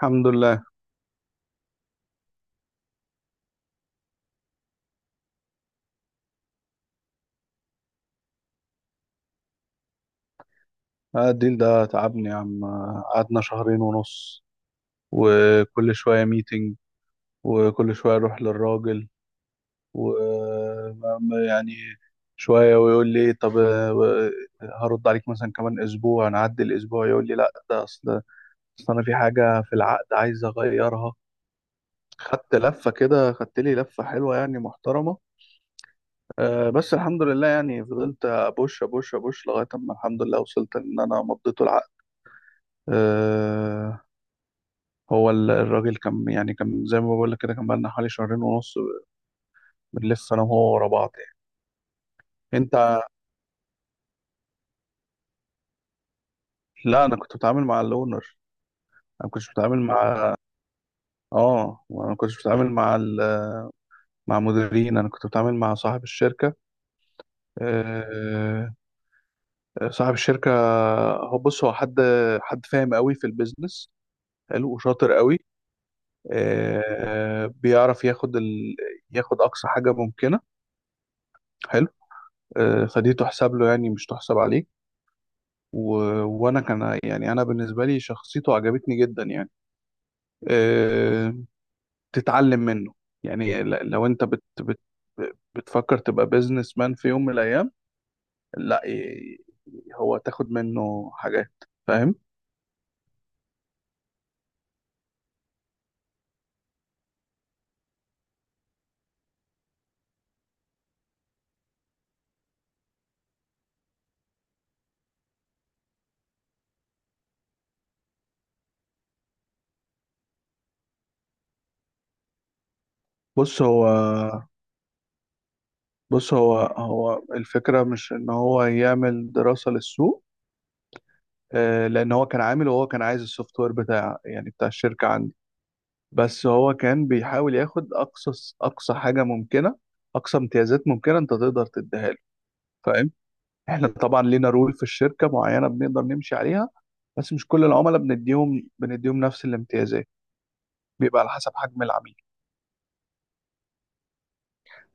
الحمد لله. الديل ده تعبني يا عم. قعدنا شهرين ونص، وكل شوية ميتنج، وكل شوية أروح للراجل، و ما- ما- يعني شوية ويقول لي طب، هرد عليك مثلا كمان أسبوع. نعدي الأسبوع يقول لي لأ، ده أصل أنا في حاجة في العقد عايز أغيرها. خدت لفة كده، خدت لي لفة حلوة يعني محترمة. بس الحمد لله يعني فضلت أبوش أبوش أبوش لغاية أما الحمد لله وصلت إن أنا مضيته العقد. آه، هو الراجل كان يعني كان زي ما بقول لك كده، كان بقالنا حوالي شهرين ونص بنلف انا وهو ورا بعض يعني. انت؟ لا، انا كنت بتعامل مع الاونر. انا ما كنتش بتعامل مع. اه انا ما كنتش بتعامل مع مع مديرين. انا كنت بتعامل مع صاحب الشركه. آه... صاحب الشركه. هو بص، هو حد فاهم قوي في البيزنس، حلو وشاطر قوي. بيعرف ياخد ياخد اقصى حاجه ممكنه. حلو. فدي تحسب له، يعني مش تحسب عليه. و... وانا كان يعني انا بالنسبه لي شخصيته عجبتني جدا يعني. أه... تتعلم منه. يعني لو انت بتفكر تبقى بيزنس مان في يوم من الايام، لا ي- هو تاخد منه حاجات. فاهم. بص هو بص هو الفكره مش ان هو يعمل دراسه للسوق. لان هو كان عامل، وهو كان عايز السوفت وير بتاع يعني بتاع الشركه عنده. بس هو كان بيحاول ياخد اقصى حاجه ممكنه، اقصى امتيازات ممكنه انت تقدر تديها له. فاهم. احنا طبعا لينا رول في الشركه معينه بنقدر نمشي عليها، بس مش كل العملاء بنديهم نفس الامتيازات. بيبقى على حسب حجم العميل.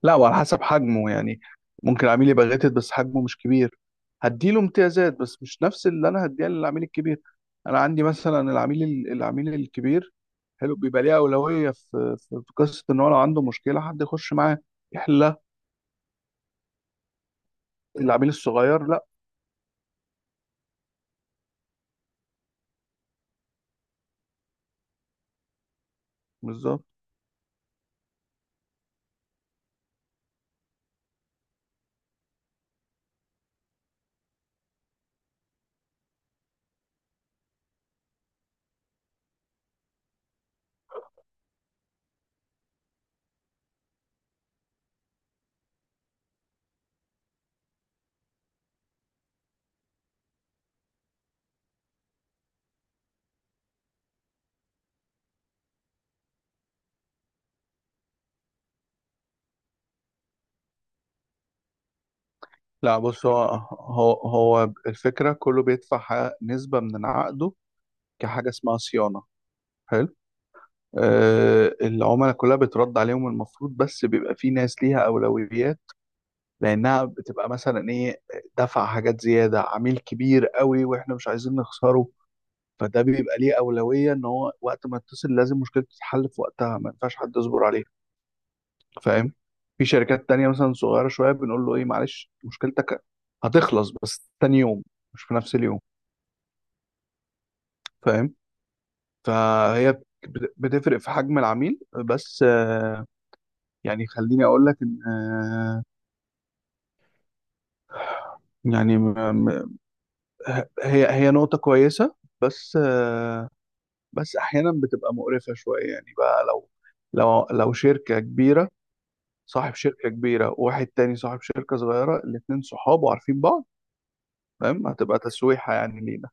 لا، وعلى حسب حجمه يعني. ممكن العميل يبقى غاتت بس حجمه مش كبير، هديله امتيازات بس مش نفس اللي انا هديها للعميل الكبير. انا عندي مثلا العميل العميل الكبير. حلو. بيبقى ليه اولويه في قصه ان هو لو عنده مشكله حد يخش معاه يحلها. العميل الصغير لا. بالظبط. لا، بص هو الفكره كله بيدفع نسبه من عقده، كحاجه اسمها صيانه. حلو. العملاء كلها بترد عليهم المفروض، بس بيبقى في ناس ليها اولويات، لانها بتبقى مثلا ايه، دفع حاجات زياده، عميل كبير قوي واحنا مش عايزين نخسره. فده بيبقى ليه اولويه ان هو وقت ما يتصل لازم مشكلته تتحل في وقتها، ما ينفعش حد يصبر عليها. فاهم. في شركات تانية مثلا صغيره شويه بنقول له ايه معلش، مشكلتك هتخلص بس تاني يوم، مش في نفس اليوم. فاهم. فهي بتفرق في حجم العميل. بس يعني خليني اقول لك ان يعني م- م- هي نقطه كويسه. بس بس احيانا بتبقى مقرفه شويه يعني بقى، لو شركه كبيره، صاحب شركه كبيره وواحد تاني صاحب شركه صغيره، الاثنين صحاب وعارفين بعض. فاهم. هتبقى تسويحه يعني لينا.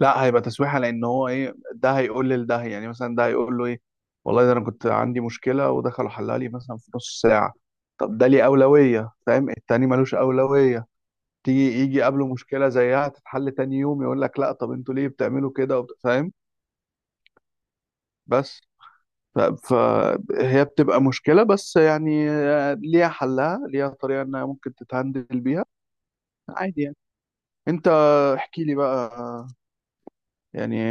لا، هيبقى تسويحه لان هو ايه، ده هيقول لده يعني، مثلا ده هيقول له ايه والله، ده انا كنت عندي مشكله ودخلوا حلها لي مثلا في نص ساعه. طب ده ليه اولويه؟ فاهم. التاني ملوش اولويه، تيجي يجي قبله مشكله زيها تتحل تاني يوم يقول لك لا، طب انتوا ليه بتعملوا كده فاهم. بس فهي بتبقى مشكلة، بس يعني ليها حلها، ليها طريقة انها ممكن تتهندل بيها. عادي يعني. انت. احكي لي بقى. يعني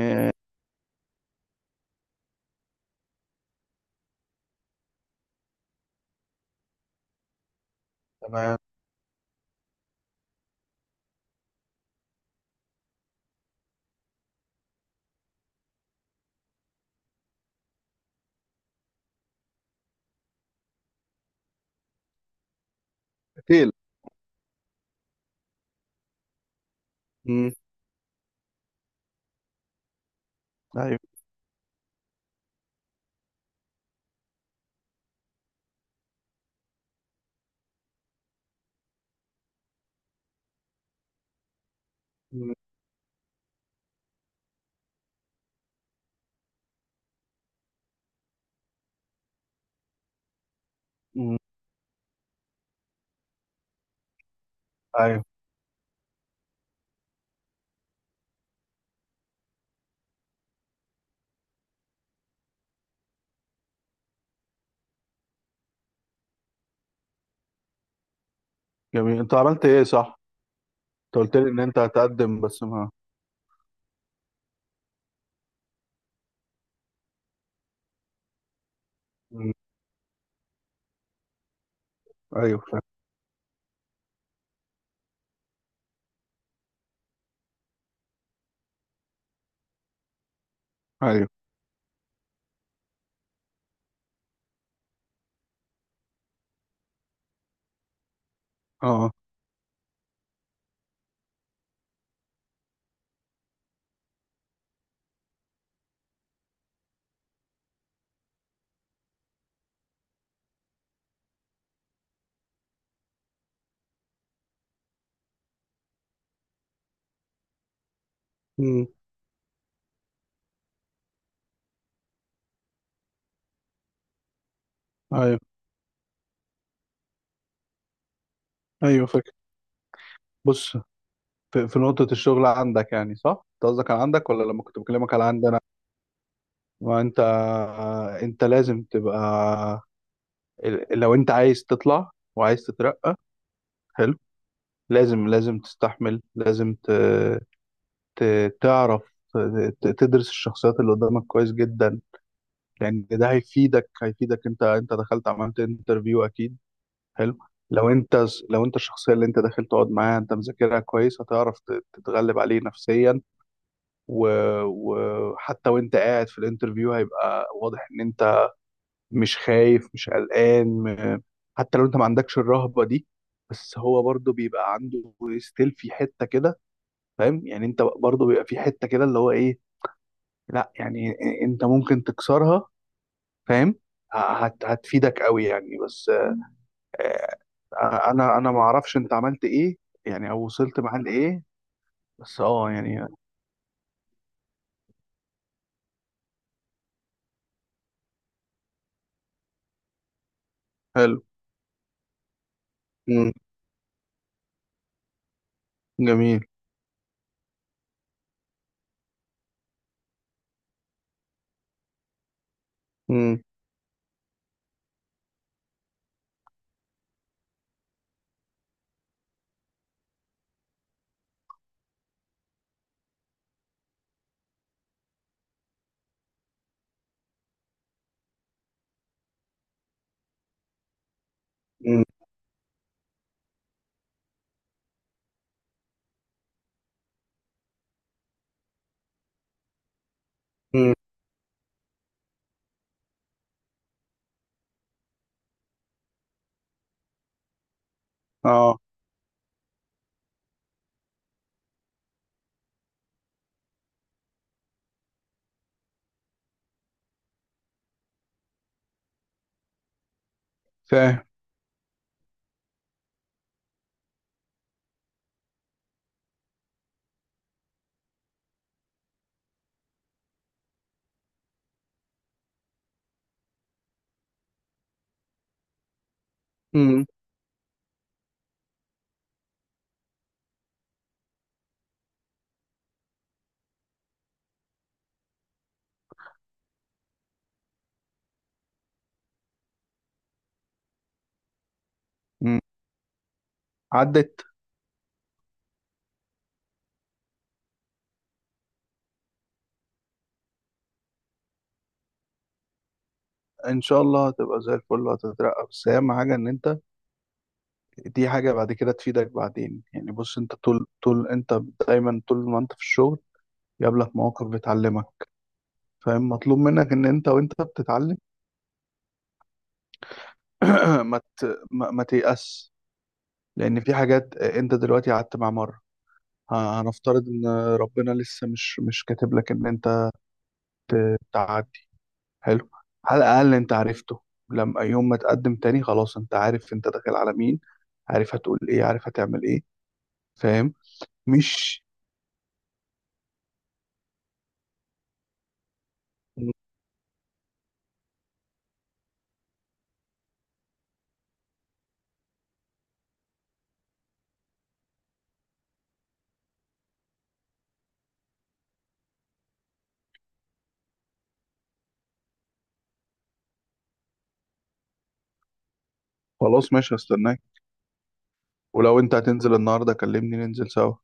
تمام. تيل. مم. ايوه. مم. مم. ايوه. جميل. انت عملت ايه؟ صح. انت قلت لي ان انت هتقدم بس ما. مم. ايوه. فاهم. ايوه. اه. مم. ايوه. ايوه. فاكر. بص، في, في نقطة الشغل عندك يعني، صح؟ انت قصدك على عندك ولا لما كنت بكلمك على عندنا؟ ما انت لازم تبقى. لو انت عايز تطلع وعايز تترقى، حلو. لازم تستحمل. لازم ت... تعرف تدرس الشخصيات اللي قدامك كويس جدا، لان ده هيفيدك. انت دخلت عملت انترفيو اكيد. حلو. لو انت، الشخصيه اللي انت داخل تقعد معاها انت مذاكرها كويس، هتعرف تتغلب عليه نفسيا. وحتى وانت قاعد في الانترفيو هيبقى واضح ان انت مش خايف مش قلقان. حتى لو انت ما عندكش الرهبة دي، بس هو برضه بيبقى عنده ستيل في حتة كده. فاهم يعني، انت برضه بيبقى في حتة كده اللي هو ايه، لا يعني انت ممكن تكسرها. فاهم. ه- هت هتفيدك قوي يعني. بس انا ما اعرفش انت عملت ايه يعني، او وصلت معاه لايه. بس اه يعني. حلو. مم. جميل. مم. مم. مم. اه. فاهم. مم. مم. عدت. ان شاء الله هتبقى زي الفل وهتترقى، بس اهم حاجه ان انت، دي حاجه بعد كده تفيدك بعدين يعني. بص انت طول انت دايما، طول ما انت في الشغل يقابلك مواقف بتعلمك. فاهم. مطلوب منك ان انت وانت بتتعلم ما ت... ما, ما تيأس، لان في حاجات انت دلوقتي قعدت مع مره. هنفترض ان ربنا لسه مش كاتب لك ان انت تعدي. حلو. على الاقل انت عرفته، لما يوم ما تقدم تاني خلاص انت عارف انت داخل على مين، عارف هتقول ايه، عارف هتعمل ايه. فاهم. مش خلاص، ماشي، هستناك. ولو انت هتنزل النهارده كلمني ننزل سوا.